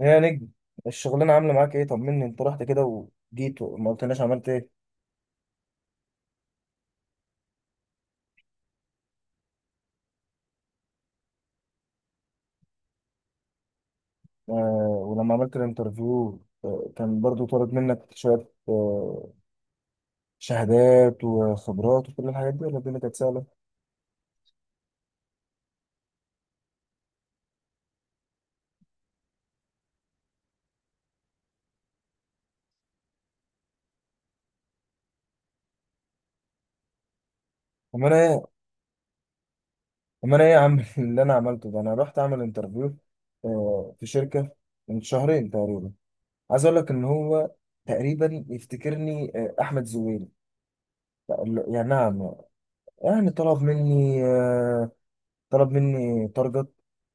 يا نجم، الشغلانة عاملة معاك ايه؟ طمني، انت رحت كده وجيت وما قلتناش عملت ايه. آه. ولما عملت الانترفيو، كان برضو طلب منك شوية شهادات وخبرات وكل الحاجات دي، ولا الدنيا كانت سهلة؟ أما أنا ايه أما أنا ايه يا عم؟ اللي أنا عملته ده، أنا رحت أعمل انترفيو آه في شركة من شهرين تقريبا. عايز أقول لك إن هو تقريبا يفتكرني أحمد زويل. لا، يعني نعم. يعني طلب مني آه، طلب مني تارجت،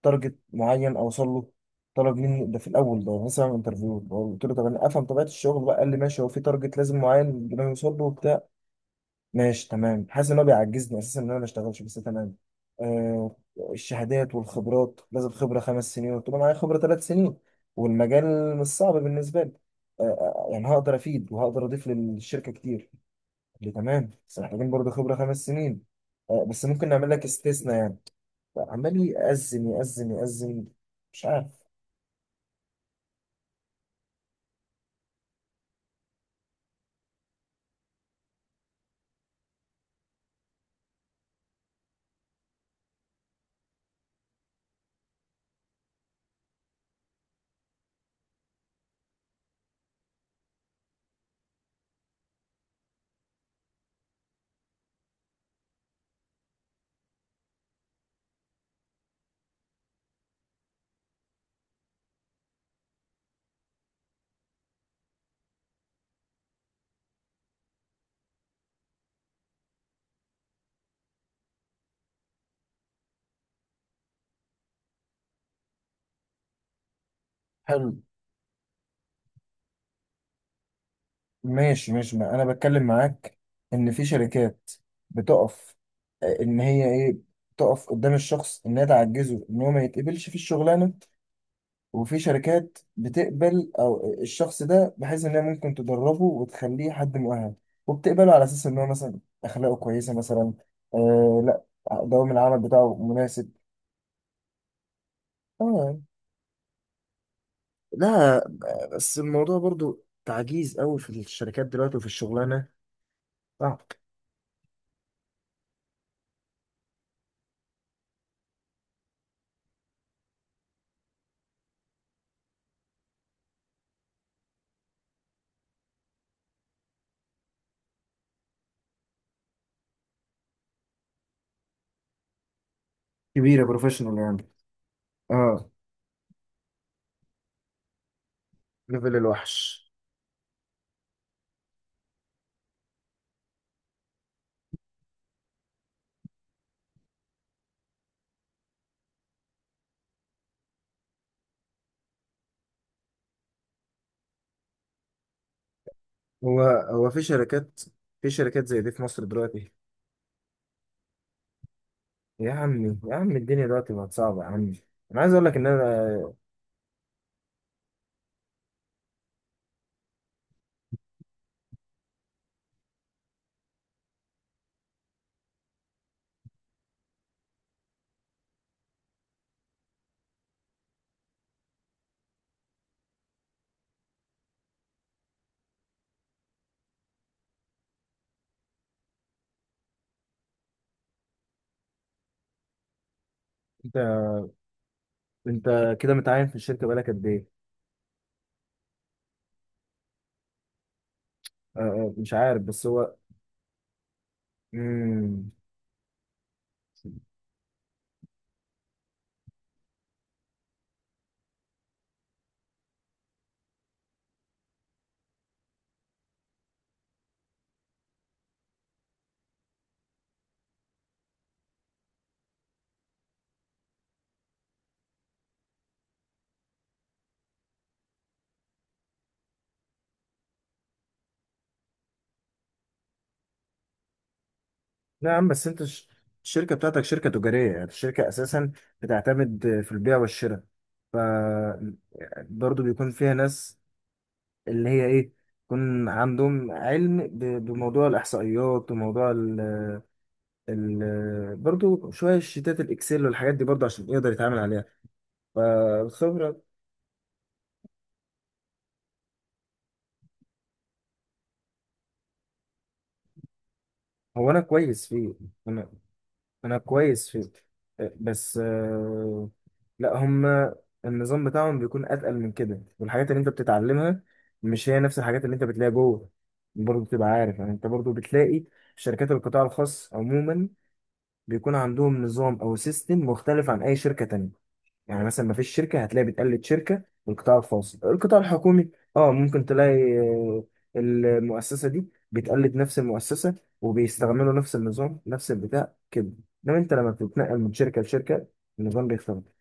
تارجت معين اوصل له. طلب مني ده في الاول، ده مثلا انترفيو، قلت له طب انا افهم طبيعه الشغل بقى، قال لي ماشي، هو في تارجت لازم معين بدنا نوصل له وبتاع. ماشي تمام، حاسس ان هو بيعجزني اساسا ان انا ما اشتغلش، بس تمام. آه، الشهادات والخبرات، لازم خبره 5 سنين، قلت له معايا خبره 3 سنين والمجال مش صعب بالنسبه لي. آه آه، يعني هقدر افيد وهقدر اضيف للشركه كتير. قال لي تمام بس محتاجين برضه خبره 5 سنين، بس ممكن نعمل لك استثناء يعني. عمال يأذن يأذن يأذن، مش عارف. حلو. ماشي، ما انا بتكلم معاك ان في شركات بتقف، ان هي ايه، تقف قدام الشخص انها تعجزه ان هو ما يتقبلش في الشغلانه، وفي شركات بتقبل او الشخص ده بحيث انها ممكن تدربه وتخليه حد مؤهل، وبتقبله على اساس ان هو مثلا اخلاقه كويسه مثلا. آه لا، دوام العمل بتاعه مناسب. اه. لا بس الموضوع برضو تعجيز قوي في الشركات دلوقتي، وفي الشغلانه صعب. كبيرة بروفيشنال يعني. اه، ليفل الوحش. هو في شركات، في شركات زي دي في مصر دلوقتي؟ يا عمي، يا عم الدنيا دلوقتي بقت صعبه يا عمي. انا عايز اقول لك ان انا... انت، انت كده متعين في الشركه بقالك قد ايه؟ مش عارف بس هو... مم. نعم، بس انت الشركة بتاعتك شركة تجارية، يعني الشركة اساسا بتعتمد في البيع والشراء، ف برضه بيكون فيها ناس اللي هي ايه، يكون عندهم علم بموضوع الاحصائيات وموضوع ال برضه شوية شيتات الاكسل والحاجات دي، برضه عشان يقدر يتعامل عليها. فالخبرة... هو انا كويس فيه، انا كويس فيه، آه، بس آه، لا هما النظام بتاعهم بيكون اتقل من كده، والحاجات اللي انت بتتعلمها مش هي نفس الحاجات اللي انت بتلاقيها جوه. برضه تبقى عارف يعني، انت برضه بتلاقي شركات القطاع الخاص عموما بيكون عندهم نظام او سيستم مختلف عن اي شركة تانية. يعني مثلا ما فيش شركه هتلاقي بتقلد شركه من القطاع الخاص، القطاع الحكومي اه ممكن تلاقي المؤسسه دي بتقلد نفس المؤسسه، وبيستعملوا نفس النظام نفس البتاع كده. انما انت لما بتتنقل من شركه لشركه، النظام بيختلف.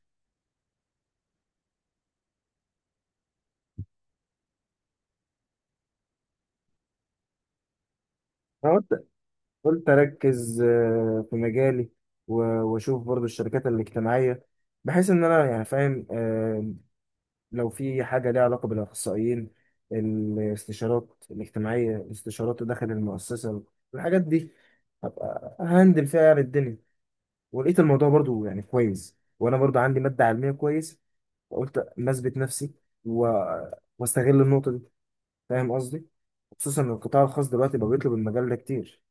انا قلت قلت اركز في مجالي و- واشوف برضو الشركات الاجتماعيه، بحيث ان انا يعني فاهم لو في حاجة ليها علاقة بالأخصائيين، الاستشارات الاجتماعية، الاستشارات داخل المؤسسة، الحاجات دي هبقى هندل فيها يعني الدنيا. ولقيت الموضوع برضو يعني كويس، وأنا برضو عندي مادة علمية كويس، فقلت ما أثبت نفسي و... واستغل النقطة دي. فاهم قصدي؟ خصوصا إن القطاع الخاص دلوقتي بقى بيطلب المجال ده كتير.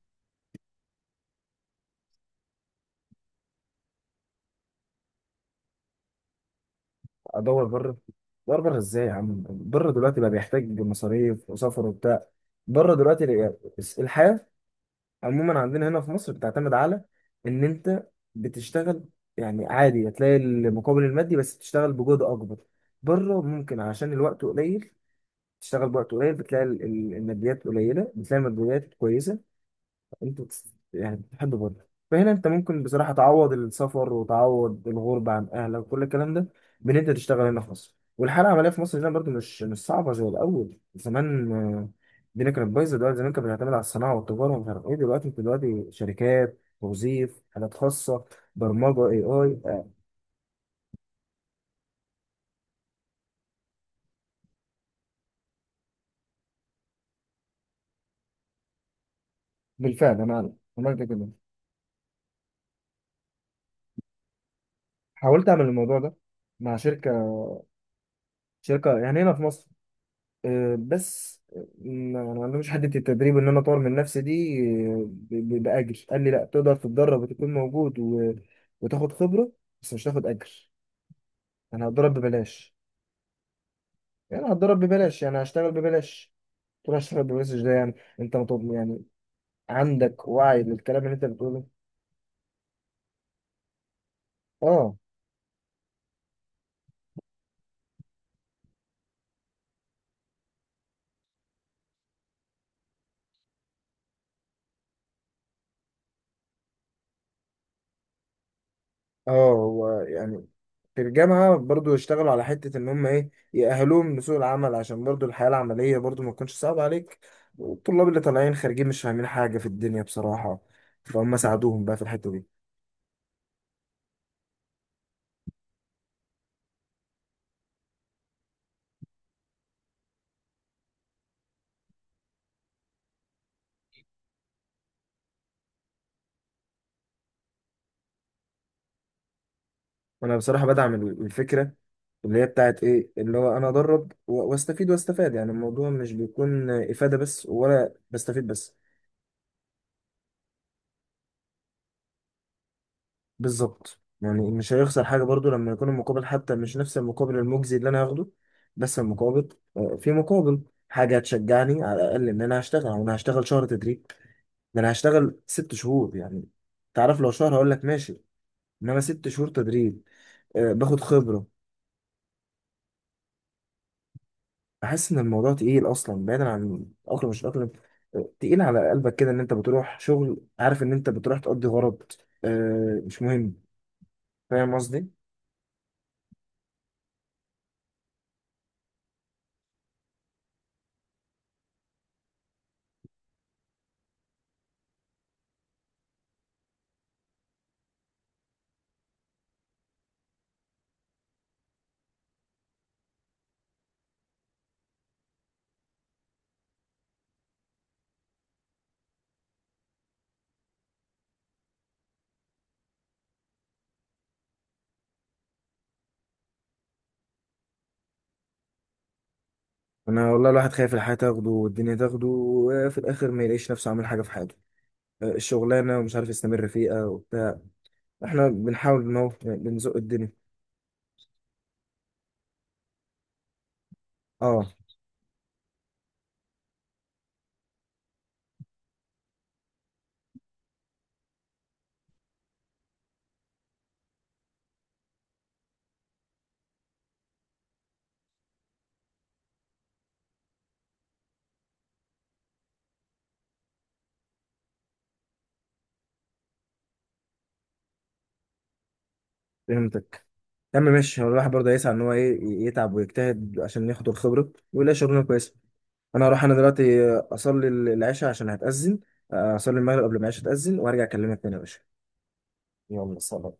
أدور بره أدور بره إزاي يا عم؟ بره دلوقتي بقى بيحتاج مصاريف وسفر وبتاع. بره دلوقتي، الحياة عموما عندنا هنا في مصر بتعتمد على ان انت بتشتغل، يعني عادي هتلاقي المقابل المادي بس تشتغل بجهد اكبر. بره ممكن عشان الوقت قليل، تشتغل بوقت قليل بتلاقي الماديات قليله، بتلاقي الماديات كويسه. انتوا بتس- يعني بتحبوا بعض. فهنا انت ممكن بصراحة تعوض السفر وتعوض الغربة عن اهلك وكل الكلام ده، بان انت تشتغل هنا في مصر. والحالة العملية في مصر هنا برضو مش مش صعبة زي الأول زمان، الدنيا كانت بايظة. دلوقتي زمان كانت بتعتمد على الصناعة والتجارة ومش عارف ايه، دلوقتي انت دلوقتي شركات توظيف، حالات خاصة، برمجة اي اي. بالفعل انا عملت كده، حاولت اعمل الموضوع ده مع شركة، شركة يعني هنا في مصر، بس ما عندهمش حته التدريب ان انا اطور من نفسي دي. باجر قال لي لا، تقدر تتدرب وتكون موجود و... وتاخد خبره بس مش تاخد اجر. انا هتدرب ببلاش، يعني هتدرب ببلاش، يعني هشتغل ببلاش. تروح هشتغل ببلاش ده يعني، انت مطلوب يعني. عندك وعي للكلام اللي انت بتقوله. اه. اه، هو يعني في الجامعة برضو يشتغلوا على حتة إن هم إيه، يأهلوهم لسوق العمل، عشان برضو الحياة العملية برضو ما تكونش صعبة عليك، والطلاب اللي طالعين خارجين مش فاهمين حاجة في الدنيا بصراحة، فهم ساعدوهم بقى في الحتة دي. وأنا بصراحة بدعم الفكرة اللي هي بتاعت إيه، اللي هو أنا أدرب وأستفيد وأستفاد، يعني الموضوع مش بيكون إفادة بس ولا بستفيد بس. بالظبط، يعني مش هيخسر حاجة برضو لما يكون المقابل حتى مش نفس المقابل المجزي اللي أنا هاخده. بس المقابل، في مقابل حاجة هتشجعني على الأقل إن أنا هشتغل. أو أنا هشتغل شهر تدريب؟ ده أنا هشتغل 6 شهور يعني. تعرف لو شهر هقول لك ماشي، إنما 6 شهور تدريب، باخد خبرة. بحس إن الموضوع تقيل أصلا، بعيدا عن الأقلم مش الأقلم، تقيل على قلبك كده إن أنت بتروح شغل عارف إن أنت بتروح تقضي غرض، مش مهم. فاهم قصدي؟ انا والله الواحد خايف الحياه تاخده والدنيا تاخده، وفي الاخر ما يلاقيش نفسه عامل حاجه في حياته، الشغلانه ومش عارف يستمر فيها وبتاع. احنا بنحاول ان هو بنزق الدنيا. اه. فهمتك يا عم، ماشي. هو الواحد برضه هيسعى ان هو ايه، يتعب ويجتهد عشان ياخد الخبره ويلاقي شغلانه كويسه. انا دلوقتي اصلي العشاء عشان هتاذن، اصلي المغرب قبل ما العشاء تاذن وارجع اكلمك تاني يا باشا. يلا، سلام.